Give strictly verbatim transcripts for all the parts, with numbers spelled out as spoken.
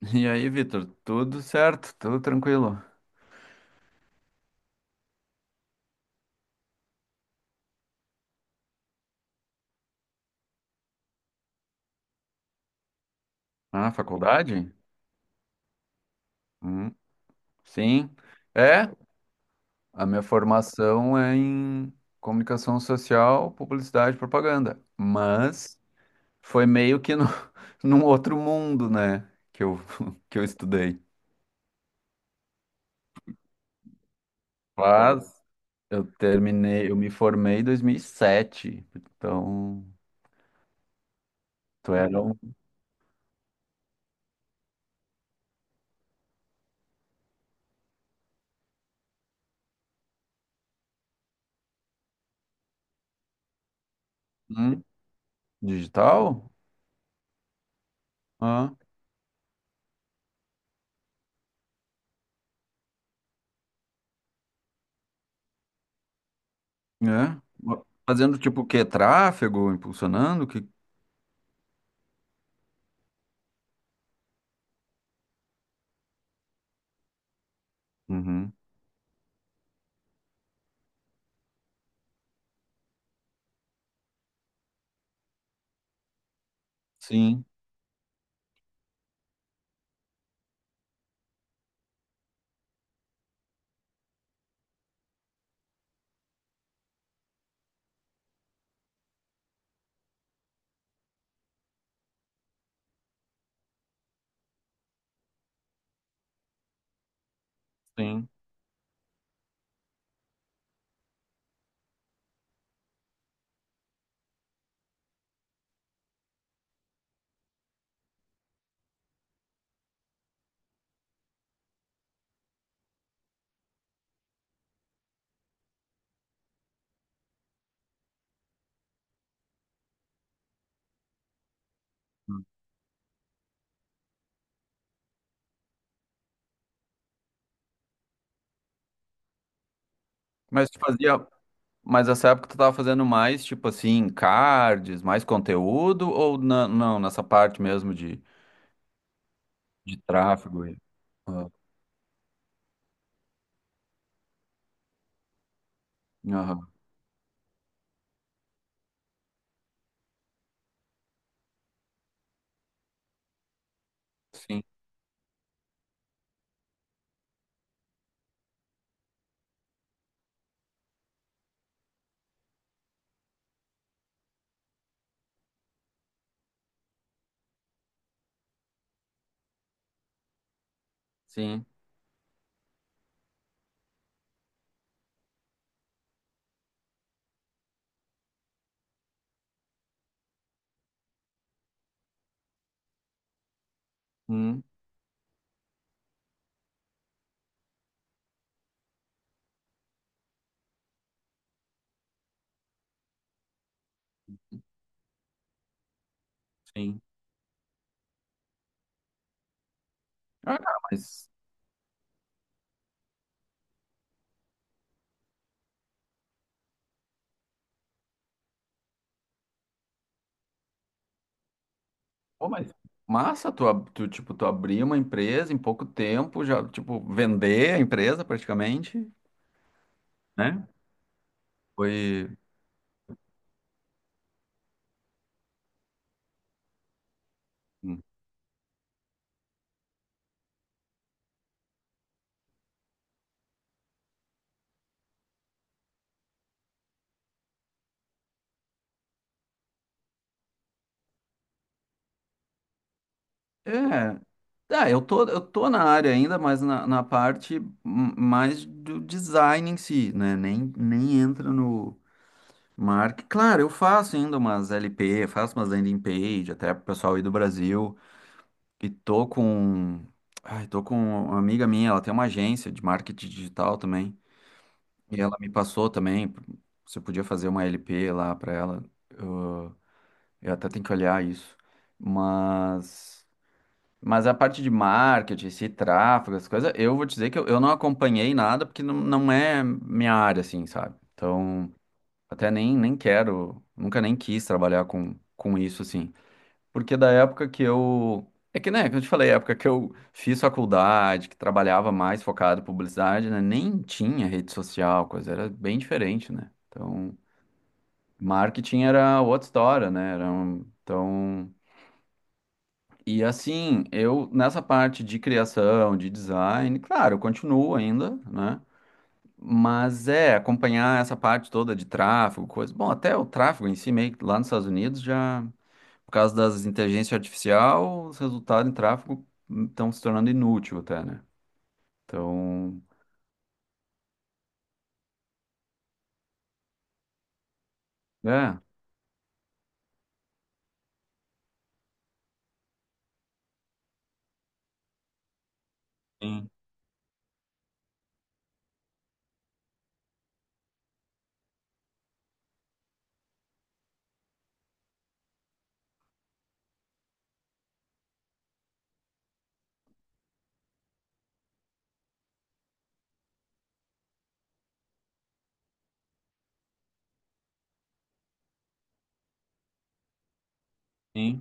E aí, Vitor, tudo certo? Tudo tranquilo? Ah, faculdade? Hum, sim. É, a minha formação é em comunicação social, publicidade e propaganda. Mas foi meio que no, num outro mundo, né? Que eu, que eu estudei. Mas eu terminei, eu me formei em dois mil e sete. Então, tu era um hum, digital? Ah, é. Fazendo tipo o quê? Tráfego, impulsionando? Que... Uhum. Sim, sim. Mas tu fazia, mas nessa época tu tava fazendo mais, tipo assim, cards, mais conteúdo, ou na- não, nessa parte mesmo de, de tráfego? e- Ah, aham. Sim, sim, hum, sim. Ah, cara, mas, pô, mas massa, tu, ab- tu, tipo, tu abrir uma empresa em pouco tempo, já, tipo, vender a empresa praticamente, né? Foi. É, tá, eu tô, eu tô na área ainda, mas na, na parte m- mais do design em si, né? Nem, nem entra no marketing. Claro, eu faço ainda umas L P, faço umas landing page, até pro pessoal aí do Brasil. E tô com. Ai, tô com uma amiga minha, ela tem uma agência de marketing digital também. E ela me passou também se eu podia fazer uma L P lá pra ela. Eu, eu até tenho que olhar isso. Mas. Mas a parte de marketing, esse tráfego, essas coisas, eu vou te dizer que eu, eu não acompanhei nada, porque não, não é minha área, assim, sabe? Então, até nem, nem quero, nunca nem quis trabalhar com, com isso, assim. Porque da época que eu. É que, né, que eu te falei, a época que eu fiz faculdade, que trabalhava mais focado em publicidade, né? Nem tinha rede social, coisa, era bem diferente, né? Então, marketing era outra história, né? Era um, então. E assim, eu nessa parte de criação, de design, claro, eu continuo ainda, né? Mas é acompanhar essa parte toda de tráfego, coisa. Bom, até o tráfego em si, meio que lá nos Estados Unidos, já por causa das inteligência artificial, os resultados em tráfego estão se tornando inútil até, né? Então, é, sim,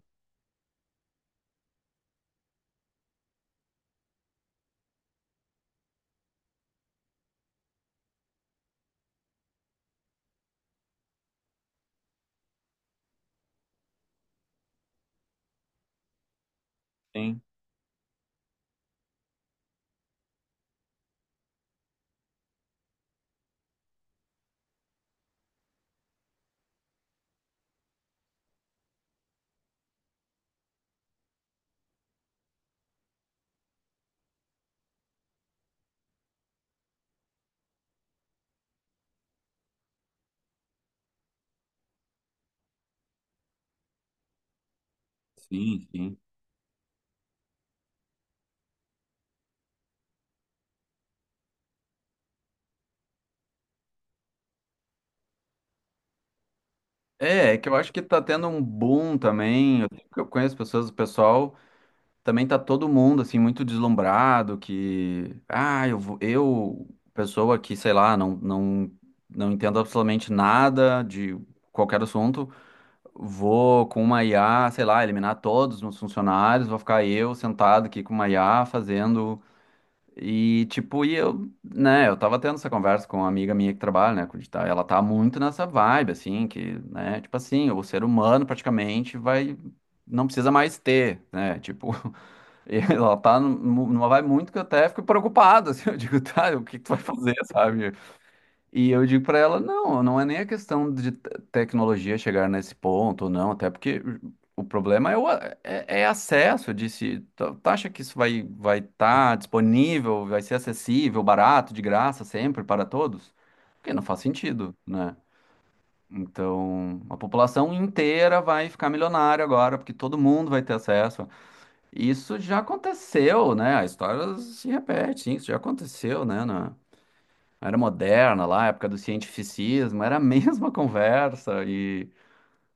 sim, sim, sim. É, é que eu acho que tá tendo um boom também. Eu eu conheço pessoas, o pessoal também tá todo mundo assim muito deslumbrado que ah, eu vou- eu pessoa que, sei lá, não não não entendo absolutamente nada de qualquer assunto, vou com uma I A, sei lá, eliminar todos os meus funcionários, vou ficar eu sentado aqui com uma I A fazendo e tipo, e eu, né, eu tava tendo essa conversa com uma amiga minha que trabalha, né, com digital, e ela tá muito nessa vibe assim, que, né, tipo assim, o ser humano praticamente vai não precisa mais ter, né? Tipo, E ela tá num- numa vai muito que eu até fico preocupado, assim, eu digo, tá, o que que tu vai fazer, sabe? E eu digo pra ela, não, não é nem a questão de te- tecnologia chegar nesse ponto, não, até porque o problema é, o, a- é, é acesso, eu disse, tu, tu acha que isso vai vai estar disponível, vai ser acessível, barato, de graça, sempre, para todos? Porque não faz sentido, né? Então, a população inteira vai ficar milionária agora, porque todo mundo vai ter acesso, isso já aconteceu, né? A história se repete, sim, isso já aconteceu, né? Na era moderna, lá, época do cientificismo, era a mesma conversa e,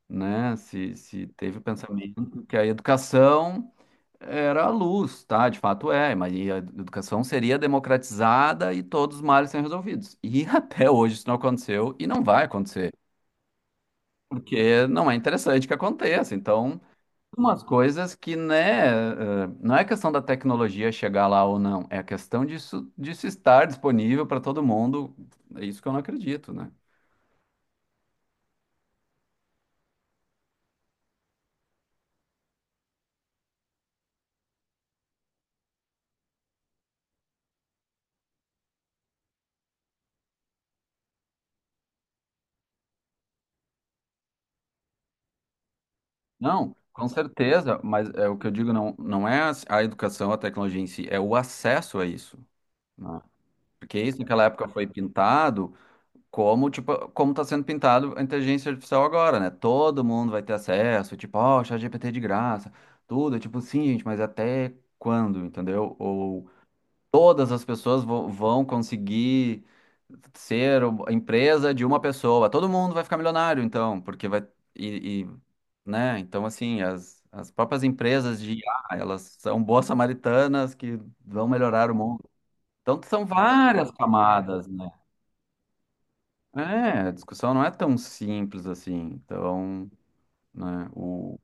né, se, se teve o pensamento que a educação era a luz, tá? De fato é, mas e a educação seria democratizada e todos os males seriam resolvidos. E até hoje isso não aconteceu e não vai acontecer, porque não é interessante que aconteça. Então, umas coisas que, né, eh, não é questão da tecnologia chegar lá ou não, é a questão disso, disso, estar disponível para todo mundo. É isso que eu não acredito, né? Não, com certeza, mas é o que eu digo não, não é as- a educação, a tecnologia em si, é o acesso a isso, né? Porque isso naquela época foi pintado como, tipo, como está sendo pintado a inteligência artificial agora, né? Todo mundo vai ter acesso, tipo, ó, oh, G P T de graça, tudo, é tipo, sim, gente, mas até quando, entendeu? Todas as pessoas vo- vão conseguir ser o- a empresa de uma pessoa. Todo mundo vai ficar milionário, então, porque vai. E, e, né? Então, assim, as, as próprias empresas de I a elas são boas samaritanas que vão melhorar o mundo. Então, são várias camadas, né? É, a discussão não é tão simples assim. Então, né? O...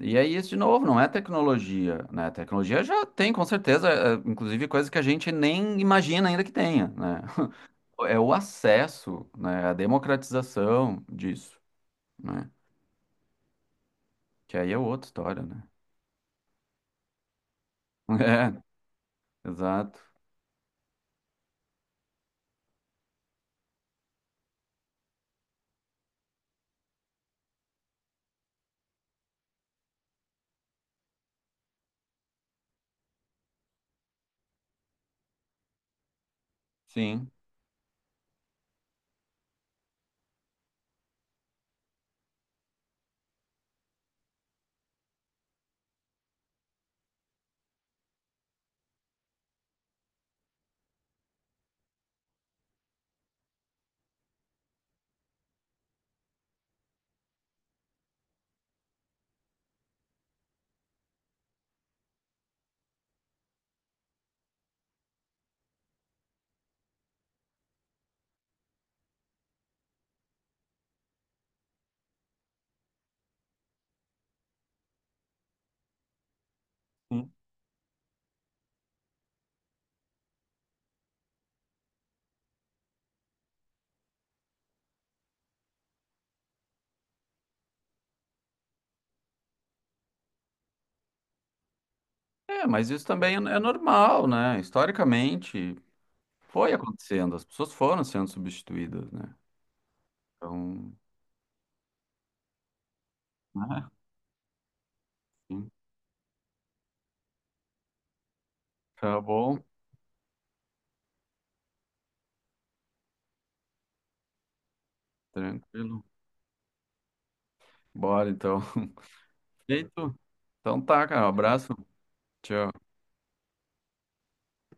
E é isso de novo, não é tecnologia, né? A tecnologia já tem, com certeza, eh, inclusive coisas que a gente nem imagina ainda que tenha, né? É o acesso, né, a democratização disso, né? Que aí é outra história, né? É, exato. Sim. Sim. É, mas isso também é é normal, né? Historicamente foi acontecendo, as pessoas foram sendo substituídas, né? Então, né? Sim. Tá bom, tranquilo. Bora então. Feito? Então tá, cara, um abraço. Tchau.